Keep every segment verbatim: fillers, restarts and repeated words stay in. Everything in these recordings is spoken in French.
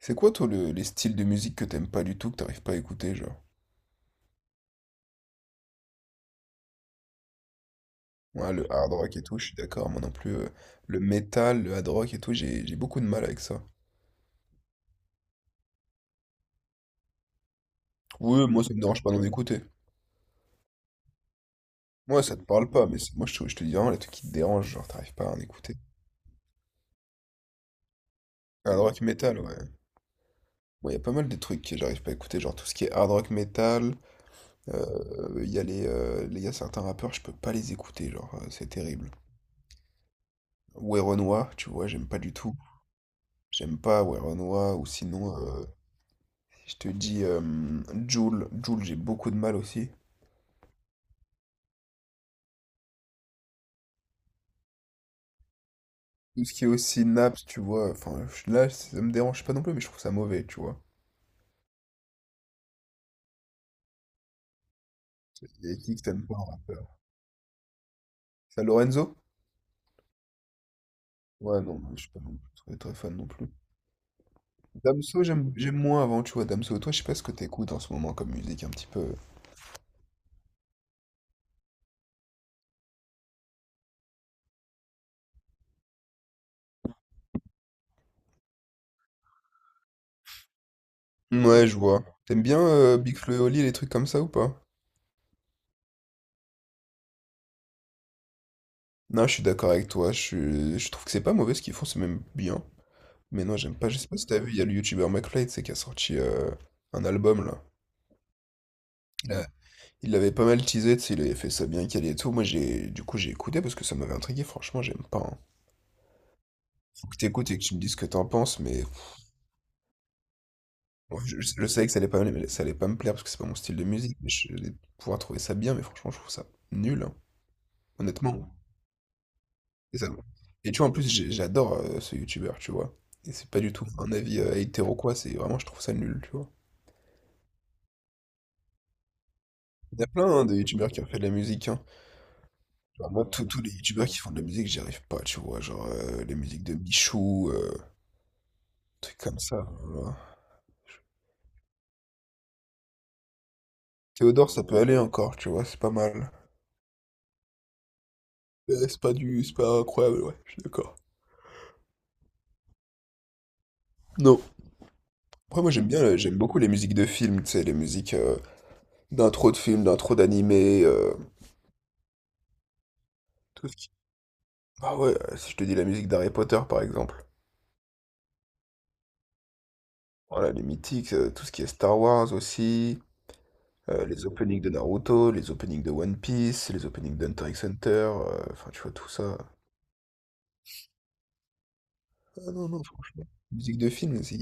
C'est quoi, toi, le- les styles de musique que t'aimes pas du tout, que t'arrives pas à écouter, genre? Ouais, le hard rock et tout, je suis d'accord, moi non plus. Euh, le metal, le hard rock et tout, j'ai j'ai beaucoup de mal avec ça. Oui, moi, ça me dérange pas d'en écouter. Moi, ça te parle pas, mais c'est- moi, je te, je te dis vraiment les trucs qui te dérangent, genre, t'arrives pas à en écouter. Hard rock metal, ouais. Bon, il y a pas mal de trucs que j'arrive pas à écouter, genre tout ce qui est hard rock metal. euh, Il y a les, euh, les- il y a certains rappeurs, je peux pas les écouter, genre, euh, c'est terrible. Werenoi, tu vois, j'aime pas du tout. J'aime pas Werenoi, ou sinon euh, je te dis, euh, Jul, Jul, j'ai beaucoup de mal aussi. Tout ce qui est aussi Naps, tu vois, enfin, je- là, ça me dérange pas non plus, mais je trouve ça mauvais, tu vois. Et qui que t'aimes pas en rappeur? Ça, Lorenzo? Ouais, non, mais je suis pas non plus très, très fan non plus. Damso, j'aime j'aime moins avant, tu vois, Damso. Toi, je sais pas ce que t'écoutes en ce moment comme musique, un petit peu. Ouais, je vois. T'aimes bien euh, Big Flo et Oli, les trucs comme ça ou pas? Non, je suis d'accord avec toi, je, suis- je trouve que c'est pas mauvais ce qu'ils font, c'est même bien. Mais non, j'aime pas, je sais pas si t'as vu, il y a le youtubeur McFly, tu sais, qui a sorti euh, un album, là. Il a, Il l'avait pas mal teasé, tu sais, il avait fait ça bien calé et tout. Moi, j'ai, du coup, j'ai écouté parce que ça m'avait intrigué. Franchement, j'aime pas, hein. Faut que t'écoutes et que tu me dises ce que t'en penses, mais pff, ouais, je, je- je savais que ça allait pas, me- ça allait pas me plaire parce que c'est pas mon style de musique. Mais je vais pouvoir trouver ça bien, mais franchement, je trouve ça nul, hein, honnêtement. Et ça- et tu vois, en plus, j'ai- j'adore euh, ce youtubeur, tu vois. Et c'est pas du tout un avis euh, hétéro quoi. C'est vraiment, je trouve ça nul, tu vois. Il y a plein, hein, de youtubeurs qui ont fait de la musique, hein. Genre, moi, tous tous les youtubeurs qui font de la musique, j'y arrive pas, tu vois. Genre, euh, les musiques de Michou, euh, truc comme ça, voilà. Théodore, ça peut aller encore, tu vois, c'est pas mal. Mais C'est pas du, c'est pas incroyable, ouais, je suis d'accord. Non. Après, moi, j'aime bien, euh, j'aime beaucoup les musiques de films, tu sais, les musiques euh, d'intro de films, d'intro d'animé, euh, tout ce qui... Ah ouais, euh, si je te dis la musique d'Harry Potter, par exemple. Voilà, les mythiques, euh, tout ce qui est Star Wars aussi, euh, les openings de Naruto, les openings de One Piece, les openings d'Hunter x Hunter, euh, enfin, tu vois, tout ça. Ah non, non, franchement. Musique de film, c'est...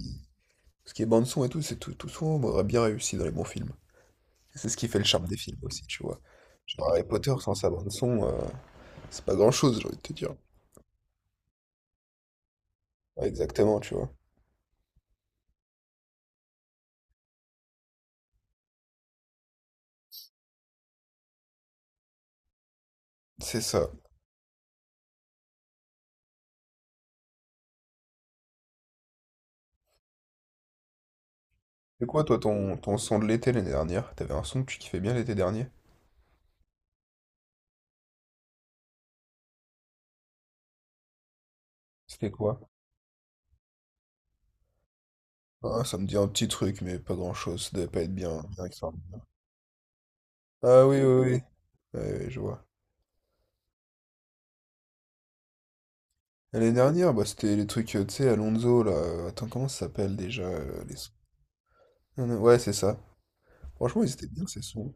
Ce qui est bande-son et tout, c'est tout, tout sombre, aurait bien réussi dans les bons films. C'est ce qui fait le charme des films aussi, tu vois. Genre Harry Potter sans sa bande son, euh, c'est pas grand-chose, j'ai envie de te dire. Ouais, exactement, tu vois. C'est ça. C'est quoi, toi, ton, ton son de l'été l'année dernière? T'avais un son que tu kiffais bien l'été dernier? C'était quoi? Ah, ça me dit un petit truc, mais pas grand-chose. Ça devait pas être bien, bien extraordinaire. Ah oui, oui, oui. Ouais, ouais, je vois. L'année dernière, bah, c'était les trucs, euh, tu sais, Alonso, là. euh, Attends, comment ça s'appelle déjà, euh, les sons? Non, non, ouais, c'est ça. Franchement, ils étaient bien, ces sons.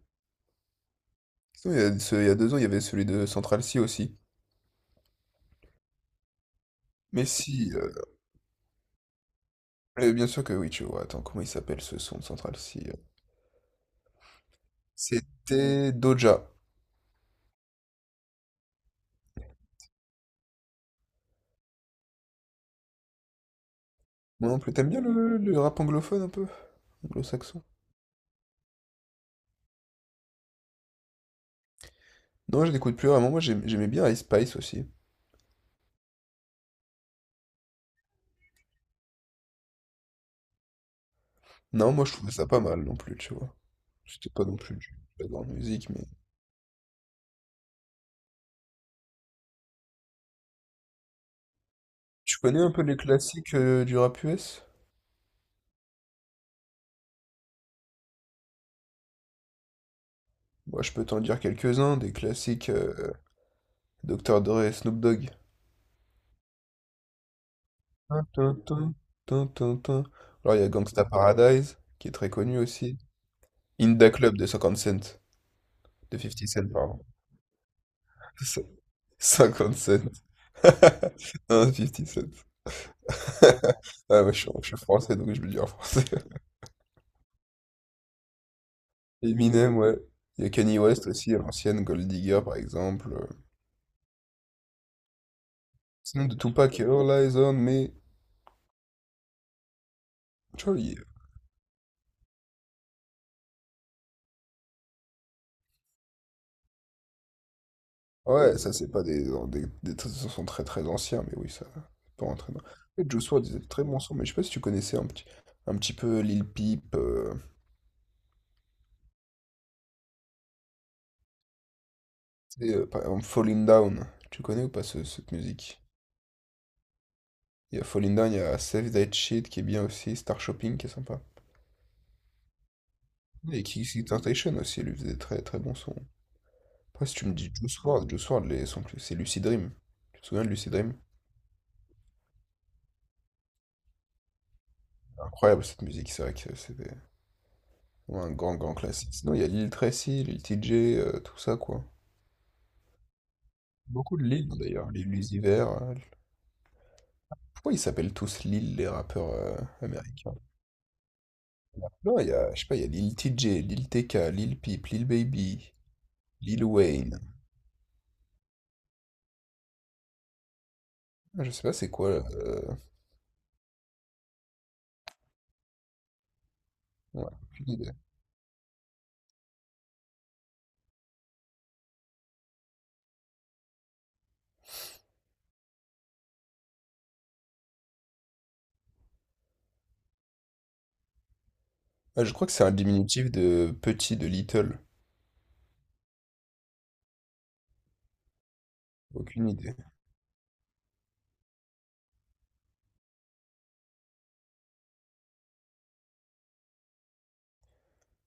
Sinon, il y a, ce- il y a deux ans, il y avait celui de Central C aussi. Mais si, euh, euh, bien sûr que oui, tu vois. Attends, comment il s'appelle ce son de Central C? euh C'était Doja. Moi non plus, t'aimes bien le, le rap anglophone un peu? Anglo-saxon? Non, je n'écoute plus vraiment. Moi, j'aim- j'aimais bien Ice Spice aussi. Non, moi, je trouvais ça pas mal non plus, tu vois. C'était pas non plus du- de la grande musique, mais... Tu connais un peu les classiques euh, du rap U S? Moi, je peux t'en dire quelques-uns, des classiques, euh, docteur Dre et Snoop Dogg. Tin, tin, tin, tin, tin, tin. Alors, il y a Gangsta Paradise, qui est très connu aussi. In Da Club de fifty Cent, de fifty Cent, pardon. cinquante-sept. Non, cinquante-sept. Ah ouais, je suis, je suis français, donc je le dis en français. Eminem, ouais. Il y a Kanye West aussi, à l'ancienne, Gold Digger, par exemple, euh. Sinon, de Tupac, All Eyes on Me. Charlie. Ouais, ça, c'est pas des, des, des, des sons très très anciens, mais oui, ça c'est pas rentrer dans... Et Juice world, disait très bon son, mais je sais pas si tu connaissais un petit, un petit peu Lil Peep, euh, tu sais, euh, par exemple Falling Down. Tu connais ou pas ce- cette musique? Il y a Falling Down, il y a Save That Shit qui est bien aussi, Star Shopping qui est sympa. Et Kiss Temptation aussi, elle lui faisait des très très bon son. Après, si tu me dis Juice World Juice World les sons que- c'est Lucid Dream. Tu te souviens de Lucid Dream? Incroyable cette musique, c'est vrai que c'était ouais, un grand grand classique. Sinon, il y a Lil Tracy, Lil T J, euh, tout ça quoi. Beaucoup de Lil d'ailleurs, Lil Uzi Vert, euh, pourquoi ils s'appellent tous Lil les rappeurs euh, américains? Non, il y a, je sais pas, il y a Lil T J Lil T K, Lil Peep, Lil Baby, Lil Wayne. Ah, je sais pas c'est quoi, euh, ouais, aucune idée. Ah, je crois que c'est un diminutif de petit, de little. Aucune idée.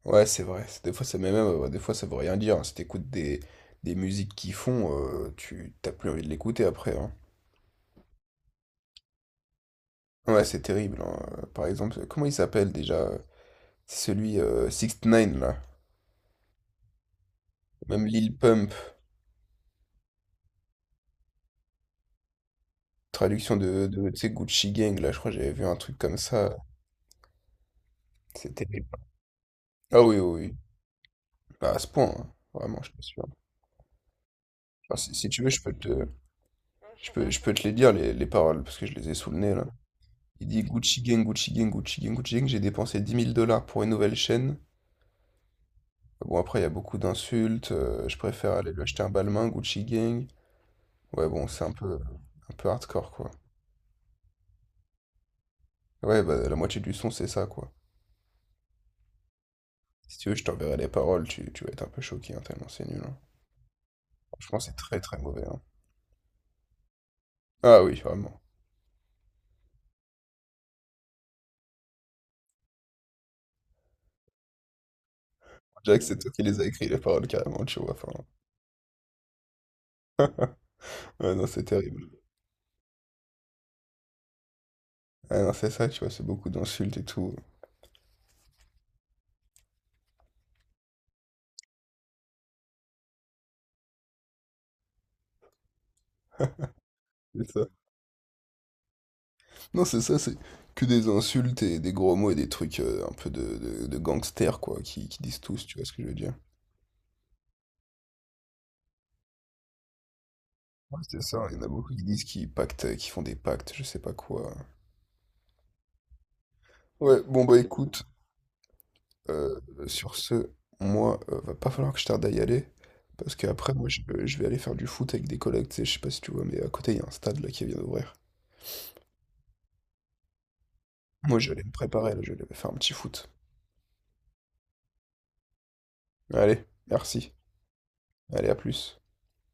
Ouais, c'est vrai. Des fois, ça met même, euh, des fois, ça veut rien dire, hein. Si t'écoutes des, des musiques qui font, euh, tu t'as plus envie de l'écouter après, hein. Ouais, c'est terrible, hein. Euh, Par exemple, comment il s'appelle déjà? euh, C'est celui euh, six ix là. Même Lil Pump, traduction de, de tu sais, Gucci Gang, là, je crois que j'avais vu un truc comme ça. C'est terrible. Ah oui, oui, oui. Bah, à ce point, hein. Vraiment, je t'assure. Enfin, si, si tu veux, je peux te, je peux, je peux te les dire, les, les paroles, parce que je les ai sous le nez, là. Il dit Gucci Gang, Gucci Gang, Gucci Gang, Gucci Gang, j'ai dépensé dix mille dollars pour une nouvelle chaîne. Bon, après, il y a beaucoup d'insultes, euh, je préfère aller lui acheter un balmain, Gucci Gang. Ouais, bon, c'est un peu, un peu hardcore, quoi. Ouais, bah, la moitié du son, c'est ça, quoi. Si tu veux, je t'enverrai les paroles, tu, tu vas être un peu choqué, hein, tellement c'est nul, hein. Franchement, c'est très, très mauvais, hein. Ah oui, vraiment. Jack, c'est toi qui les as écrit, les paroles, carrément, tu vois. Enfin, ouais, non, c'est terrible. Ah non, c'est ça, tu vois, c'est beaucoup d'insultes et tout. C'est ça. Non, c'est ça, c'est que des insultes et des gros mots et des trucs, euh, un peu de, de, de gangsters, quoi, qui, qui disent tous, tu vois ce que je veux dire? Ouais, c'est ça, il y en a beaucoup qui disent qu'ils pactent, qui font des pactes, je sais pas quoi. Ouais, bon bah écoute, euh, sur ce, moi, euh, va pas falloir que je tarde à y aller, parce qu'après, moi, je, euh, je vais aller faire du foot avec des collègues, tu sais, je sais pas si tu vois, mais à côté, il y a un stade, là, qui vient d'ouvrir. Moi, je vais aller me préparer, là, je vais aller faire un petit foot. Allez, merci. Allez, à plus.